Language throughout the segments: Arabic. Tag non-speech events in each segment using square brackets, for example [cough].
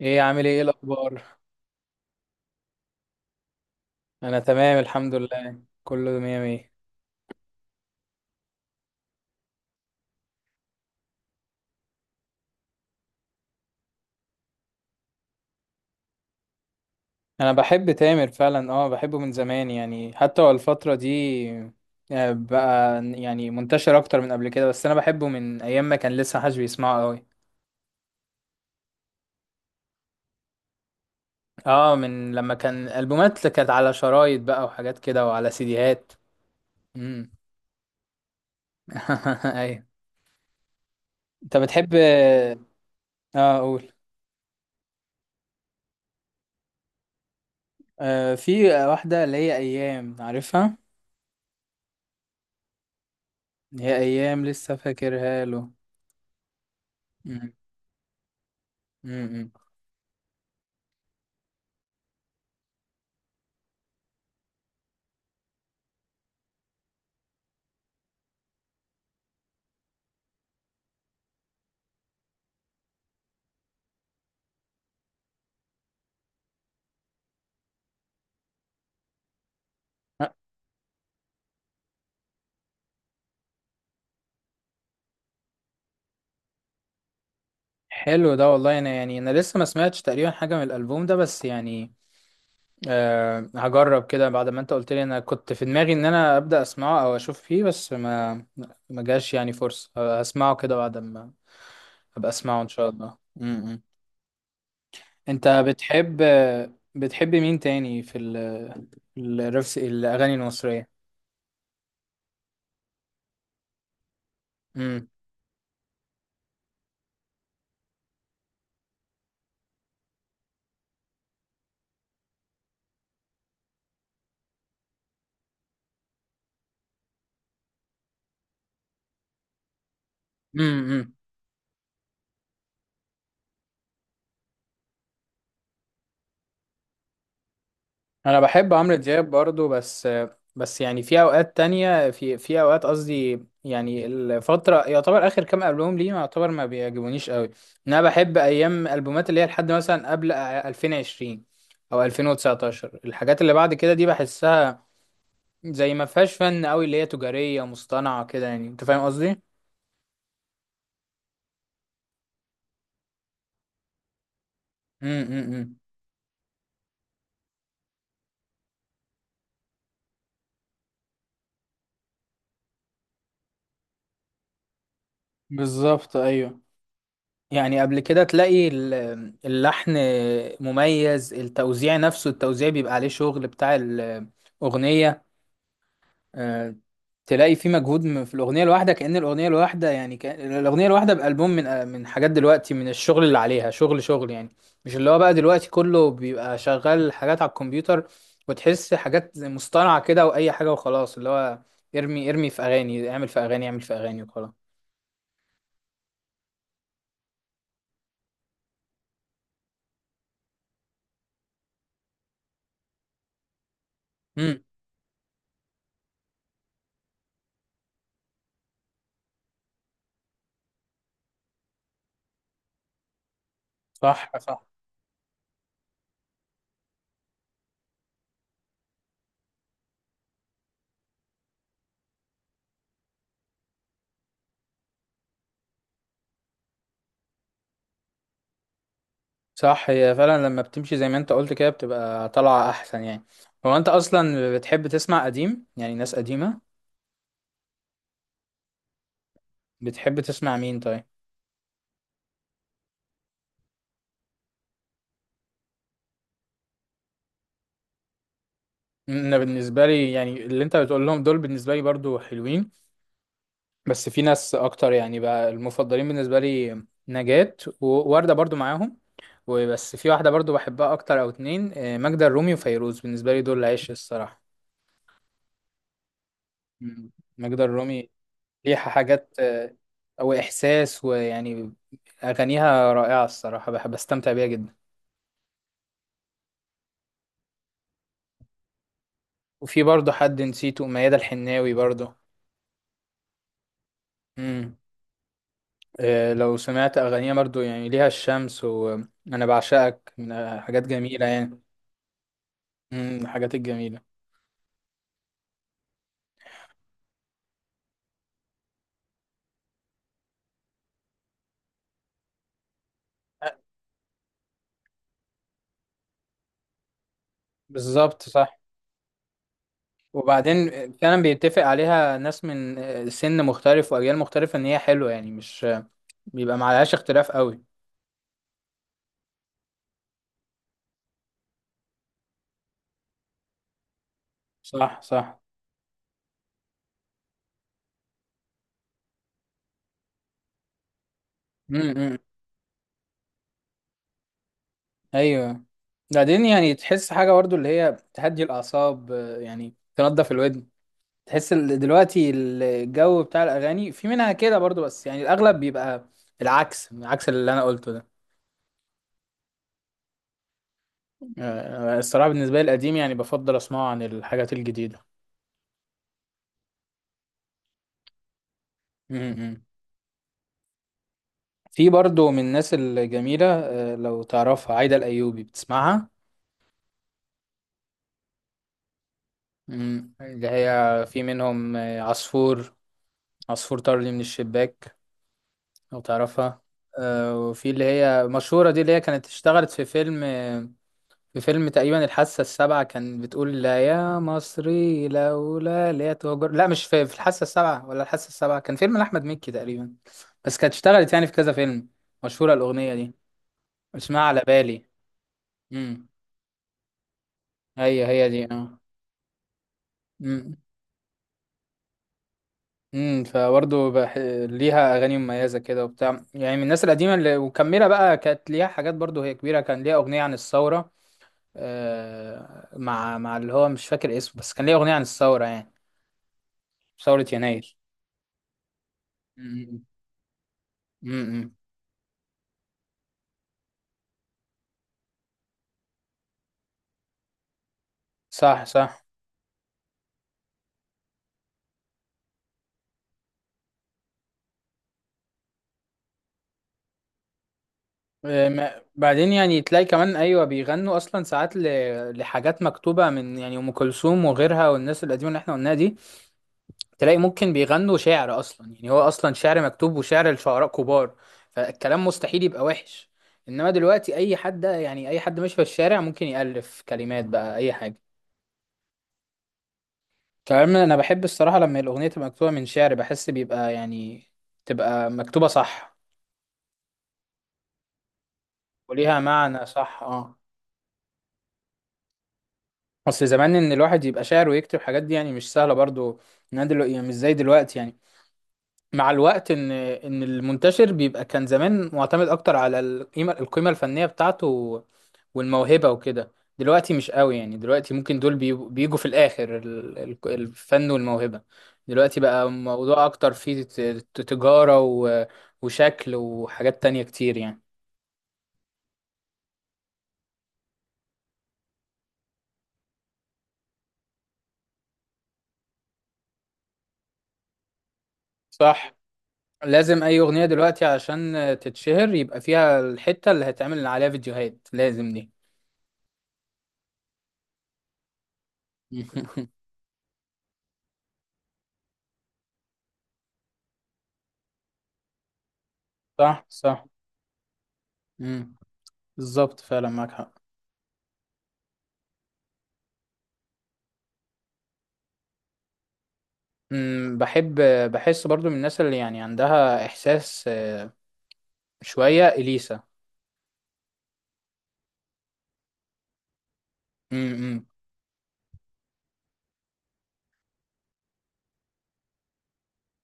عامل ايه؟ إيه الاخبار؟ انا تمام، الحمد لله، كله مية مية. انا بحب تامر فعلا، بحبه من زمان، يعني حتى هو الفترة دي بقى يعني منتشر اكتر من قبل كده، بس انا بحبه من ايام ما كان لسه محدش بيسمعه قوي. اه، من لما كان البومات كانت على شرايط بقى وحاجات كده وعلى سيديهات. امم. [laughs] ايوه. انت بتحب؟ اه اقول. في واحدة، اللي هي ايام، عارفها؟ هي ايام، لسه فاكرها له. أمم. أمم. حلو ده والله، انا يعني لسه ما سمعتش تقريبا حاجه من الالبوم ده، بس يعني، هجرب كده بعد ما انت قلت لي، انا كنت في دماغي ان انا ابدا اسمعه او اشوف فيه، بس ما ما جاش يعني فرصه. هسمعه كده بعد ما ابقى اسمعه ان شاء الله. امم. انت بتحب بتحب مين تاني في الرفس الاغاني المصريه؟ امم. انا بحب عمرو دياب برضو، بس بس يعني في اوقات تانية، في اوقات قصدي، يعني الفترة، يعتبر اخر كام البوم ليه يعتبر ما بيعجبونيش قوي. إن انا بحب ايام البومات اللي هي لحد مثلا قبل 2020 او 2019. الحاجات اللي بعد كده دي بحسها زي ما فيهاش فن قوي، اللي هي تجارية مصطنعة كده، يعني انت فاهم قصدي؟ امم، بالظبط، ايوه. يعني قبل كده تلاقي اللحن مميز، التوزيع نفسه التوزيع بيبقى عليه شغل بتاع الأغنية. آه، تلاقي في مجهود في الأغنية الواحدة، كأن الأغنية الواحدة بألبوم، من حاجات دلوقتي، من الشغل اللي عليها شغل شغل، يعني مش اللي هو بقى دلوقتي كله بيبقى شغال حاجات على الكمبيوتر، وتحس حاجات زي مصطنعة كده وأي حاجة وخلاص، اللي هو ارمي في أغاني، اعمل في أغاني، اعمل في أغاني، وخلاص. امم. صح، صح. صح، هي فعلا لما بتمشي زي ما انت قلت كده بتبقى طالعة احسن، يعني. هو انت اصلا بتحب تسمع قديم؟ يعني ناس قديمة؟ بتحب تسمع مين طيب؟ انا بالنسبة لي يعني اللي انت بتقول لهم دول، بالنسبة لي برضو حلوين، بس في ناس اكتر يعني بقى المفضلين بالنسبة لي. نجاة ووردة برضو معاهم. وبس في واحدة برضو بحبها اكتر او اتنين، ماجدة الرومي وفيروز، بالنسبة لي دول العيش الصراحة. مم. ماجدة الرومي، ليها حاجات، او احساس، ويعني اغانيها رائعه الصراحه، بحب استمتع بيها جدا. وفي برضه حد نسيته، ميادة الحناوي برضه. امم. لو سمعت اغانيها برضه يعني ليها الشمس وانا بعشقك، من حاجات جميله يعني. امم، الحاجات الجميله. آه، بالظبط صح. وبعدين فعلا بيتفق عليها ناس من سن مختلف واجيال مختلفه ان هي حلوه، يعني مش بيبقى معلهاش اختلاف قوي. صح، صح. امم. ايوه. بعدين يعني تحس حاجه برضو اللي هي تهدي الاعصاب، يعني تنضف الودن. تحس دلوقتي الجو بتاع الاغاني في منها كده برضو، بس يعني الاغلب بيبقى العكس، عكس اللي انا قلته ده. الصراحه بالنسبه لي القديم يعني بفضل اسمعه عن الحاجات الجديده. م-م. في برضو من الناس الجميله، لو تعرفها عايده الايوبي، بتسمعها؟ اللي هي في منهم عصفور، عصفور طار لي من الشباك. لو تعرفها؟ وفي اللي هي مشهورة دي، اللي هي كانت اشتغلت في فيلم. في فيلم تقريبا الحاسة السابعة، كان بتقول لا يا مصري لولا اللي هي تهجر. لا، مش في الحاسة السابعة، ولا الحاسة السابعة كان فيلم لأحمد مكي تقريبا. بس كانت اشتغلت يعني في كذا فيلم. مشهورة الأغنية دي. اسمها على بالي. امم. هي هي دي، اه. امم. امم. ليها أغاني مميزة كده وبتاع، يعني من الناس القديمة اللي ومكملة بقى، كانت ليها حاجات برضه هي كبيرة، كان ليها أغنية عن الثورة. مع اللي هو مش فاكر اسمه، بس كان ليه أغنية عن الثورة يعني، ثورة يناير. امم. امم. صح، صح. بعدين يعني تلاقي كمان، أيوة بيغنوا أصلا ساعات لحاجات مكتوبة من، يعني، أم كلثوم وغيرها والناس القديمة اللي احنا قلناها دي. تلاقي ممكن بيغنوا شعر أصلا، يعني هو أصلا شعر مكتوب وشعر لشعراء كبار. فالكلام مستحيل يبقى وحش. إنما دلوقتي أي حد، يعني أي حد ماشي في الشارع، ممكن يألف كلمات بقى أي حاجة. كمان انا بحب الصراحه لما الاغنيه تبقى مكتوبه من شعر، بحس بيبقى يعني تبقى مكتوبه صح، وليها معنى، صح، اه. اصل زمان، ان الواحد يبقى شاعر ويكتب حاجات دي يعني مش سهله برضو. يعني مش زي دلوقتي يعني. مع الوقت ان المنتشر بيبقى، كان زمان معتمد اكتر على القيمه الفنيه بتاعته والموهبه وكده. دلوقتي مش قوي، يعني دلوقتي ممكن دول بيجوا في الاخر الفن والموهبه. دلوقتي بقى موضوع اكتر فيه تجاره وشكل وحاجات تانية كتير يعني. صح. لازم اي اغنيه دلوقتي عشان تتشهر يبقى فيها الحته اللي هتعمل عليها فيديوهات لازم دي. [laughs] صح، صح. مم. بالظبط فعلا معاك حق. أمم، بحب. بحس برضو من الناس اللي يعني عندها إحساس، شوية، إليسا. أمم.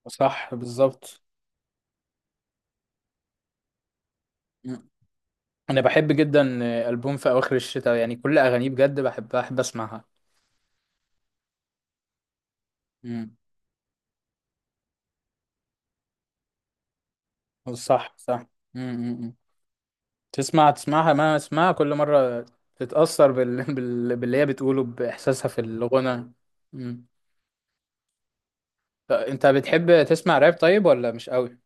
صح، بالظبط. أمم. أنا بحب جدا ألبوم في أواخر الشتاء، يعني كل أغانيه بجد بحبها بحب أسمعها. أمم. صح، صح. أمم. أمم. تسمعها ما اسمعها كل مرة. تتأثر [laughs] باللي هي بتقوله بإحساسها في الغنى. أمم. طب أنت بتحب تسمع راب طيب، ولا مش قوي؟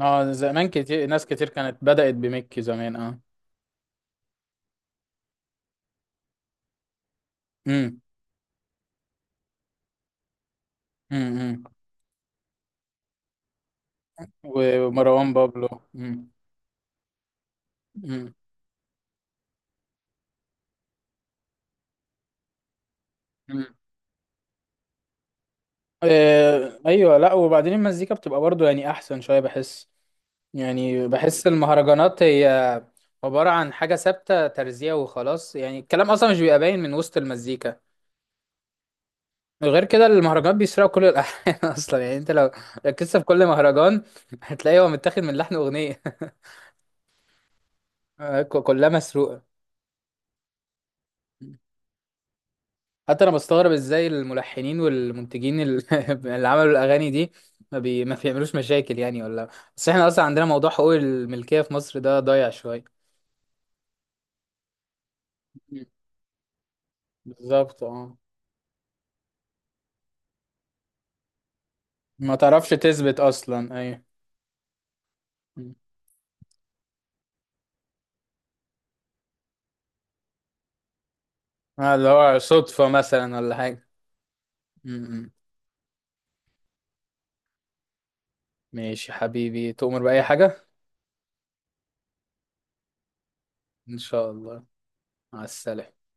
اه، زمان كتير، ناس كتير كانت بدأت بميكي زمان، اه. أمم. أمم. ومروان بابلو. مم. مم. مم. ايوه، لا وبعدين المزيكا بتبقى برضو يعني احسن شويه، بحس يعني بحس المهرجانات هي عباره عن حاجه ثابته ترزيع وخلاص، يعني الكلام اصلا مش بيبقى باين من وسط المزيكا. غير كده المهرجانات بيسرقوا كل الالحان. [laughs] اصلا يعني انت لو ركزت في كل مهرجان، هتلاقيه هو متاخد من لحن اغنيه. [laughs] كلها مسروقه. حتى انا بستغرب ازاي الملحنين والمنتجين [laughs] اللي عملوا الاغاني دي ما بيعملوش مشاكل يعني، ولا؟ بس احنا اصلا عندنا موضوع حقوق الملكية في مصر ده ضايع شوية. مم. بالظبط، اه. ما تعرفش تثبت اصلا، ايوه. مم. اللي هو صدفة مثلا ولا حاجة. مم. ماشي حبيبي، تؤمر بأي حاجة. ان شاء الله. مع السلامة.